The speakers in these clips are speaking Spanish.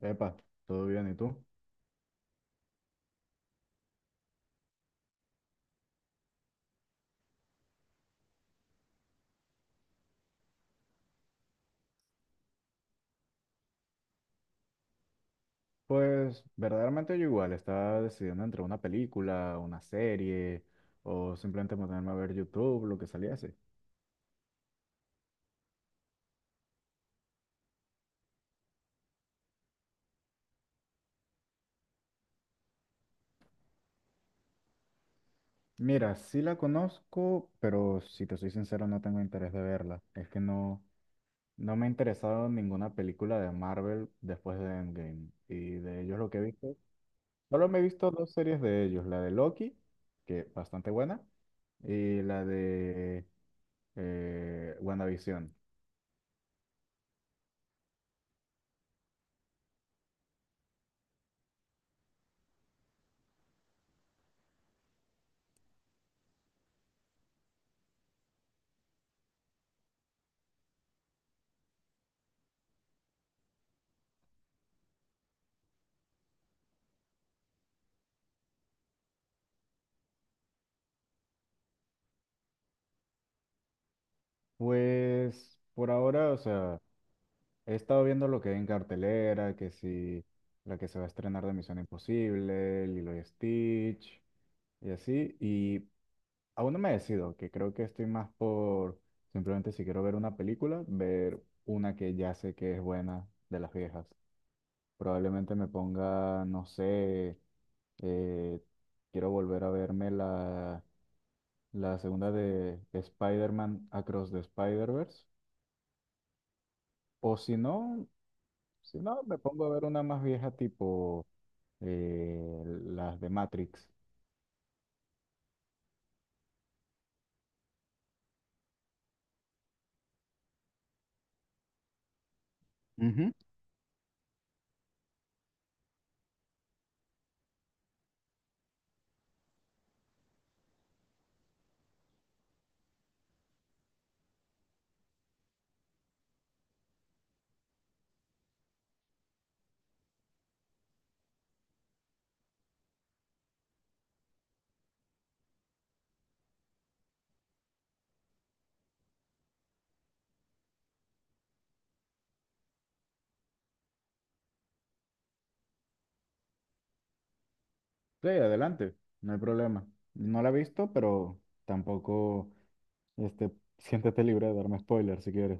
Epa, ¿todo bien? ¿Y tú? Pues verdaderamente yo igual estaba decidiendo entre una película, una serie o simplemente ponerme a ver YouTube, lo que saliese. Mira, sí la conozco, pero si te soy sincero no tengo interés de verla. Es que no, no me ha interesado ninguna película de Marvel después de Endgame. Y de ellos lo que he visto, solo me he visto dos series de ellos, la de Loki, que bastante buena, y la de WandaVision. Pues por ahora, o sea, he estado viendo lo que hay en cartelera, que si la que se va a estrenar de Misión Imposible, Lilo y Stitch, y así, y aún no me decido, que creo que estoy más por simplemente si quiero ver una película, ver una que ya sé que es buena de las viejas. Probablemente me ponga, no sé, eh, quiero volver a verme la segunda de Spider-Man Across the Spider-Verse. O si no, me pongo a ver una más vieja tipo las de Matrix. Ujú. Sí, adelante, no hay problema. No la he visto, pero tampoco, este, siéntete libre de darme spoilers si quieres.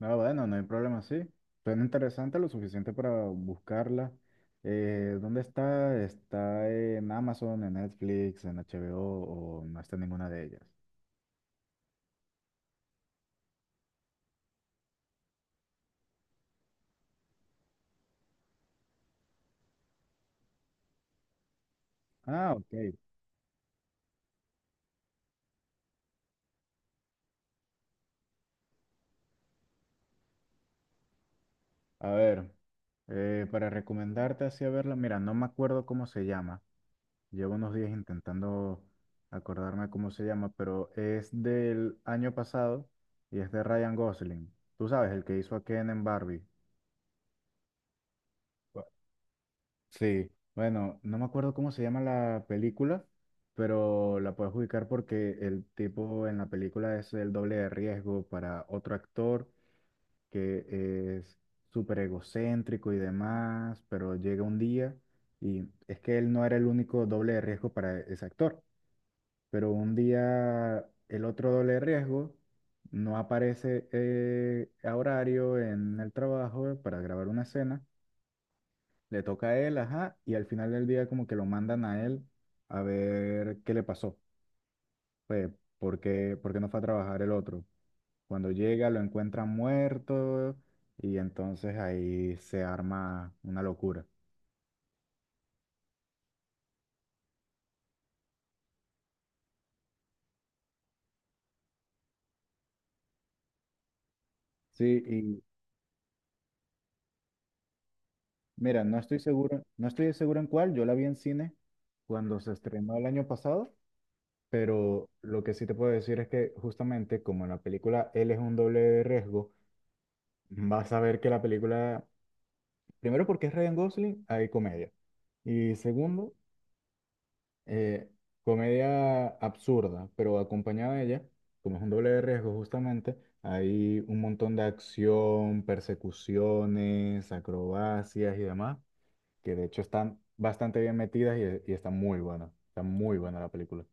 No, bueno, no hay problema, sí. Suena interesante lo suficiente para buscarla. ¿Dónde está? ¿Está en Amazon, en Netflix, en HBO o no está en ninguna de ellas? Ah, ok. A ver, para recomendarte así a verla, mira, no me acuerdo cómo se llama. Llevo unos días intentando acordarme cómo se llama, pero es del año pasado y es de Ryan Gosling. Tú sabes, el que hizo a Ken en Barbie. Bu- Sí, bueno, no me acuerdo cómo se llama la película, pero la puedes ubicar porque el tipo en la película es el doble de riesgo para otro actor que es súper egocéntrico y demás, pero llega un día y es que él no era el único doble de riesgo para ese actor. Pero un día el otro doble riesgo no aparece a horario en el trabajo para grabar una escena, le toca a él, ajá, y al final del día como que lo mandan a él a ver qué le pasó, pues, ¿por qué no fue a trabajar el otro? Cuando llega lo encuentran muerto y entonces ahí se arma una locura. Sí, y mira, no estoy seguro en cuál, yo la vi en cine cuando se estrenó el año pasado. Pero lo que sí te puedo decir es que justamente como en la película él es un doble de riesgo, vas a ver que la película, primero porque es Ryan Gosling, hay comedia. Y segundo, eh, comedia absurda, pero acompañada de ella, como es un doble de riesgo justamente, hay un montón de acción, persecuciones, acrobacias y demás, que de hecho están bastante bien metidas y están muy buena Está muy buena la película.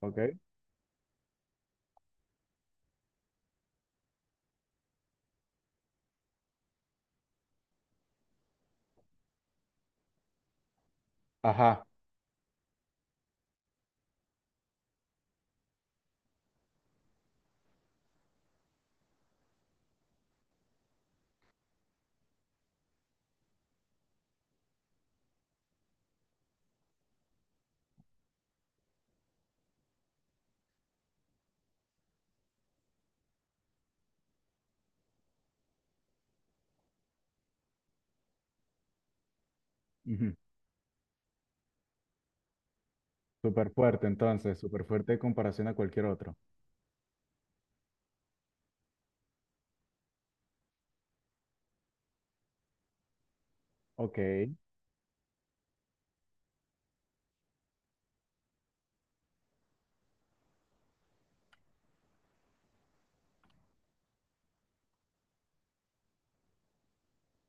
¿Ok? Ajá. Ujú. Súper fuerte, entonces, súper fuerte en comparación a cualquier otro. Ok,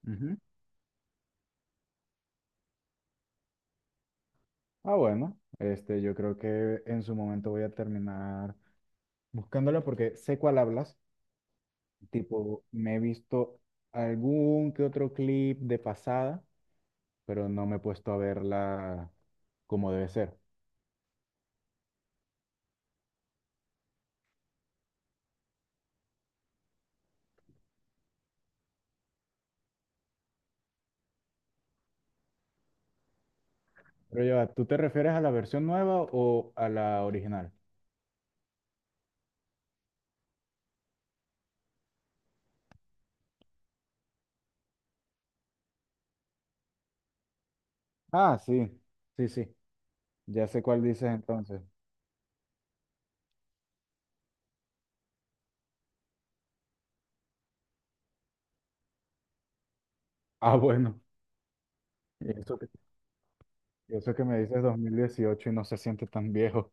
ujú. Ah, bueno, este, yo creo que en su momento voy a terminar buscándolo porque sé cuál hablas. Tipo, me he visto algún que otro clip de pasada, pero no me he puesto a verla como debe ser. Pero ya, va, ¿tú te refieres a la versión nueva o a la original? Ah, sí, sí, sí. Ya sé cuál dices entonces. Ah, bueno. Eso. Y eso que me dices 2018 y no se siente tan viejo.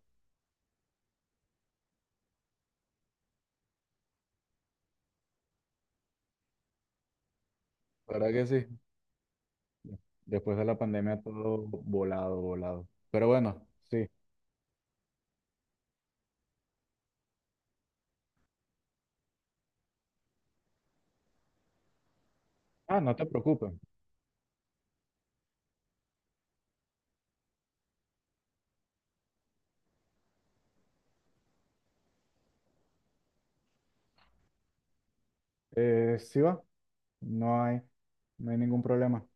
¿Verdad que sí? Después de la pandemia todo volado, volado. Pero bueno, sí. Ah, no te preocupes. Sí va. No hay, no hay ningún problema.